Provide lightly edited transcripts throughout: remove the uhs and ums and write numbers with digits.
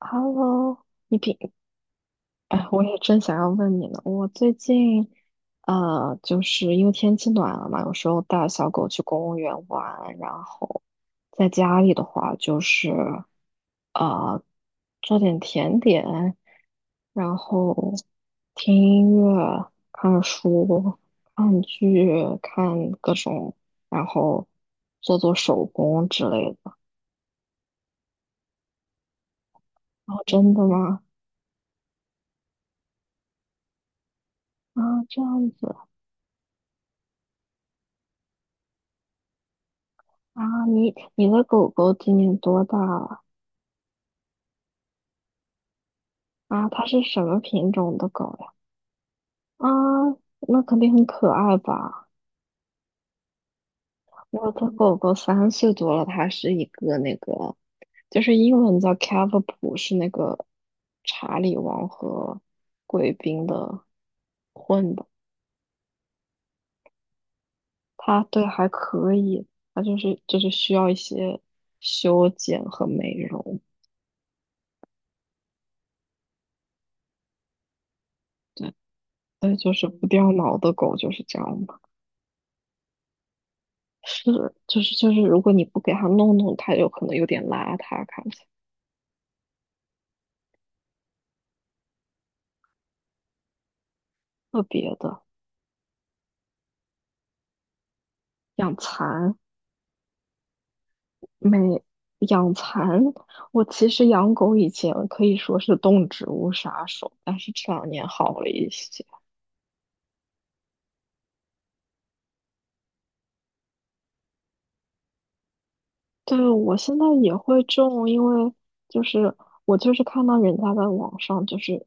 Hello，你平，哎，我也正想要问你呢。我最近，就是因为天气暖了嘛，有时候带小狗去公园玩，然后在家里的话就是，呃，做点甜点，然后听音乐、看书、看剧、看各种，然后做做手工之类的。然后真的吗？啊，这样子。啊，你的狗狗今年多大了？啊，它是什么品种的狗呀？啊，那肯定很可爱吧？我的狗狗3岁多了，它是一个那个，就是英文叫 Cavapoo，是那个查理王和贵宾的混的。它对还可以，它就是需要一些修剪和美容，对，所以就是不掉毛的狗就是这样嘛。是，就是，如果你不给它弄弄，它有可能有点邋遢，看起来特别的。养蚕没养蚕，我其实养狗以前可以说是动植物杀手，但是这两年好了一些。对，我现在也会种，因为就是我看到人家在网上就是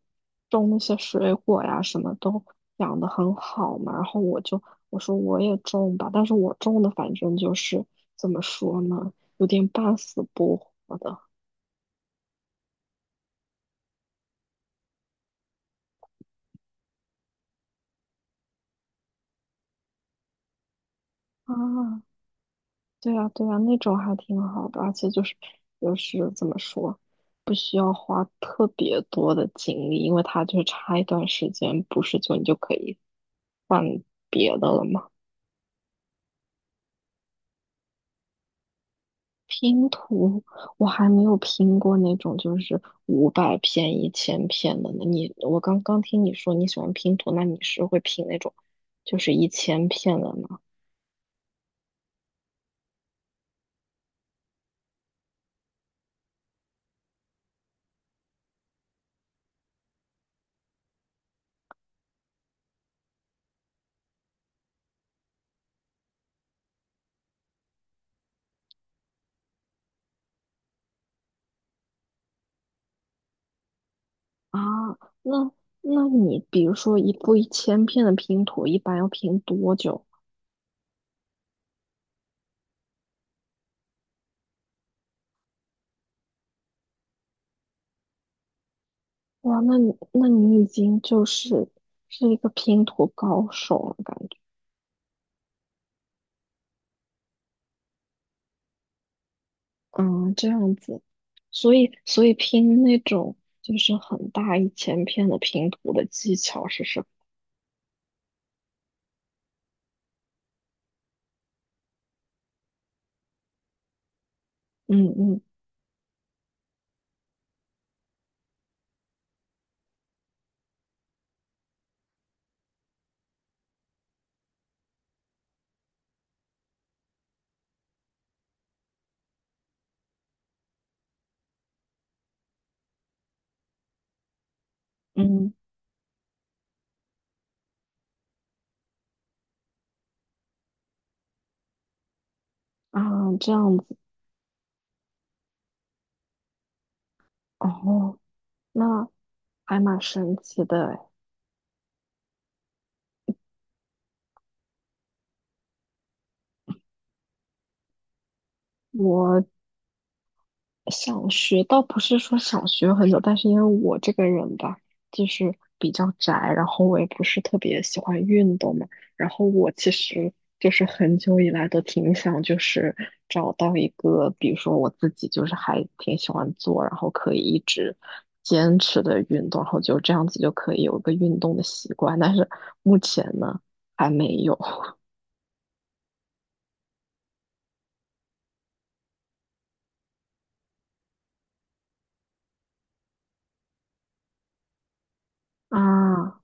种那些水果呀，什么都养得很好嘛，然后我就我说我也种吧，但是我种的反正就是怎么说呢，有点半死不活的啊，对呀对呀，那种还挺好的，而且就是就是怎么说，不需要花特别多的精力，因为它就是插一段时间，不是就你就可以换别的了嘛。拼图我还没有拼过那种就是500片、一千片的呢。我刚刚听你说你喜欢拼图，那你是会拼那种就是一千片的吗？啊，那那你比如说一部一千片的拼图，一般要拼多久？哇，那你已经就是是一个拼图高手了，感觉。嗯，这样子，所以拼那种就是很大一千片的拼图的技巧是什么？嗯嗯嗯啊，这样子哦，那还蛮神奇的诶。我想学倒不是说想学很久，但是因为我这个人吧，就是比较宅，然后我也不是特别喜欢运动嘛，然后我其实就是很久以来都挺想就是找到一个，比如说我自己就是还挺喜欢做，然后可以一直坚持的运动，然后就这样子就可以有一个运动的习惯，但是目前呢还没有啊。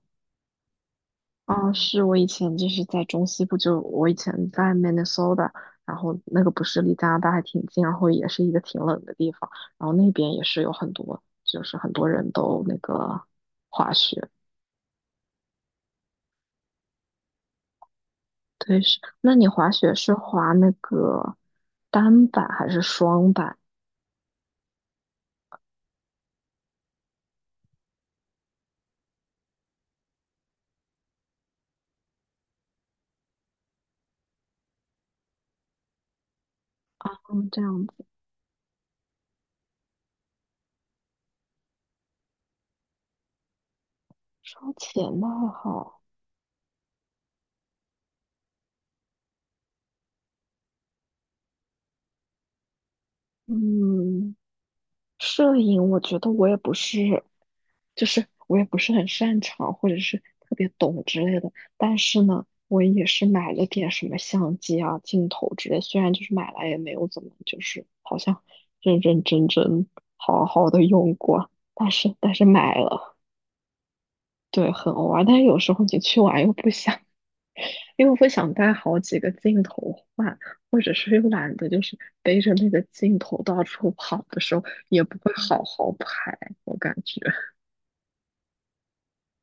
哦，是我以前就是在中西部，我以前在 Minnesota，然后那个不是离加拿大还挺近，然后也是一个挺冷的地方，然后那边也是有很多，就是很多人都那个滑雪。对，是，那你滑雪是滑那个单板还是双板？嗯，这样子，双前的还嗯，摄影，我觉得我也不是，就是我也不是很擅长，或者是特别懂之类的。但是呢，我也是买了点什么相机啊、镜头之类，虽然就是买来也没有怎么，就是好像认认真真、好好的用过。但是买了，对，很偶尔。但是有时候你去玩又不想，因为不想带好几个镜头换，或者是又懒得就是背着那个镜头到处跑的时候，也不会好好拍，我感觉。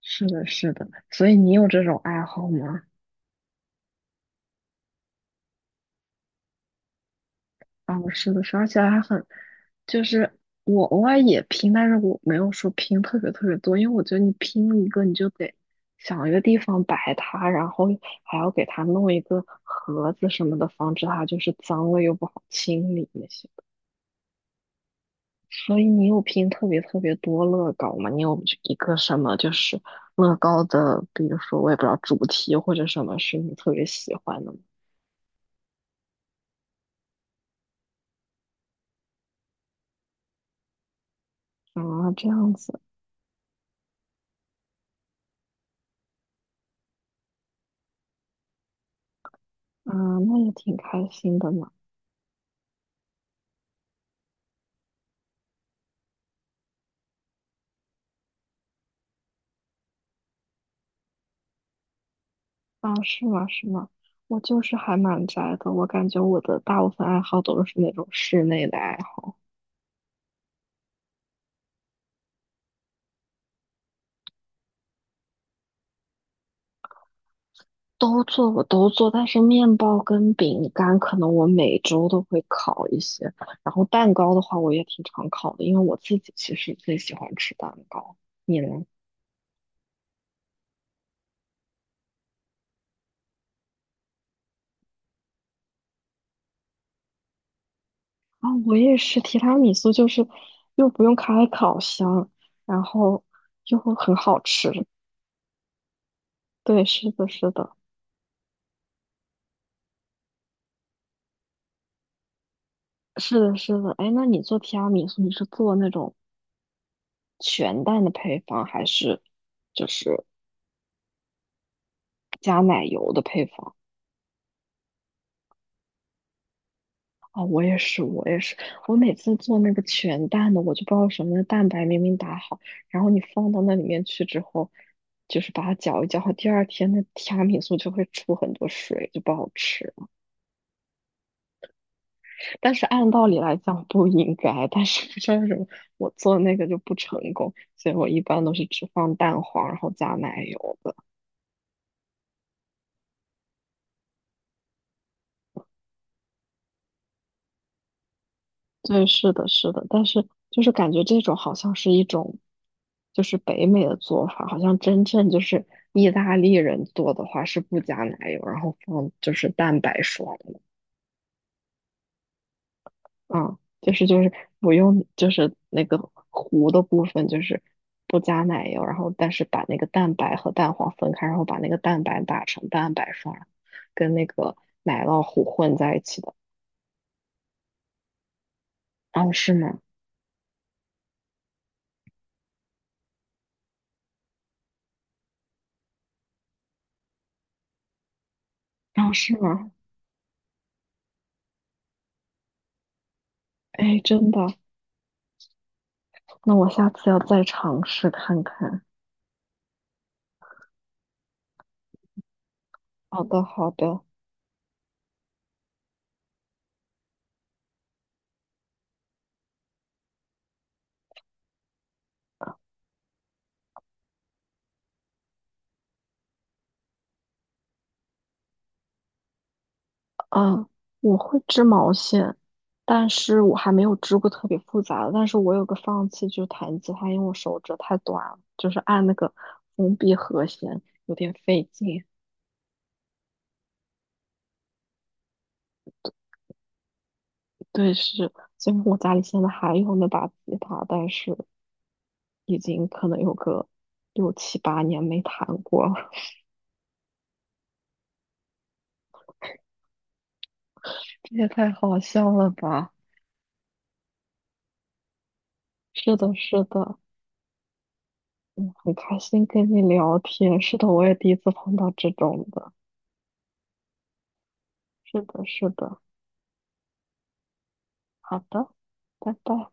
是的，是的，所以你有这种爱好吗？啊，是的，是的，而且还很，就是我偶尔也拼，但是我没有说拼特别特别多，因为我觉得你拼一个你就得想一个地方摆它，然后还要给它弄一个盒子什么的，防止它就是脏了又不好清理那些。所以你有拼特别特别多乐高吗？你有一个什么就是乐高的，比如说我也不知道主题或者什么是你特别喜欢的吗？啊，这样子，啊，那也挺开心的嘛。啊，是吗？是吗？我就是还蛮宅的，我感觉我的大部分爱好都是那种室内的爱好。都做，我都做，但是面包跟饼干可能我每周都会烤一些，然后蛋糕的话我也挺常烤的，因为我自己其实最喜欢吃蛋糕。你呢？啊，我也是，提拉米苏就是又不用开烤箱，然后又很好吃。对，是的，是的，是的，是的。哎，那你做提拉米苏，你是做那种全蛋的配方，还是就是加奶油的配方？哦，我也是，我也是，我每次做那个全蛋的，我就不知道为什么，那蛋白明明打好，然后你放到那里面去之后，就是把它搅一搅，第二天那提拉米苏就会出很多水，就不好吃了但是按道理来讲不应该，但是不知道为什么我做那个就不成功，所以我一般都是只放蛋黄，然后加奶油的。对，是的，是的，但是就是感觉这种好像是一种，就是北美的做法，好像真正就是意大利人做的话是不加奶油，然后放就是蛋白霜的，嗯，就是不用就是那个糊的部分就是不加奶油，然后但是把那个蛋白和蛋黄分开，然后把那个蛋白打成蛋白霜，跟那个奶酪糊混在一起的，哦，是吗？哦，是吗？哎，真的。那我下次要再尝试看看。好的，好的，啊，我会织毛线，但是我还没有织过特别复杂的。但是我有个放弃，就是弹吉他，因为我手指太短了，就是按那个封闭和弦有点费劲。对，是，虽然我家里现在还有那把吉他，但是已经可能有个6、7、8年没弹过了。这也太好笑了吧！是的，是的。嗯，很开心跟你聊天。是的，我也第一次碰到这种的。是的，是的。好的，拜拜。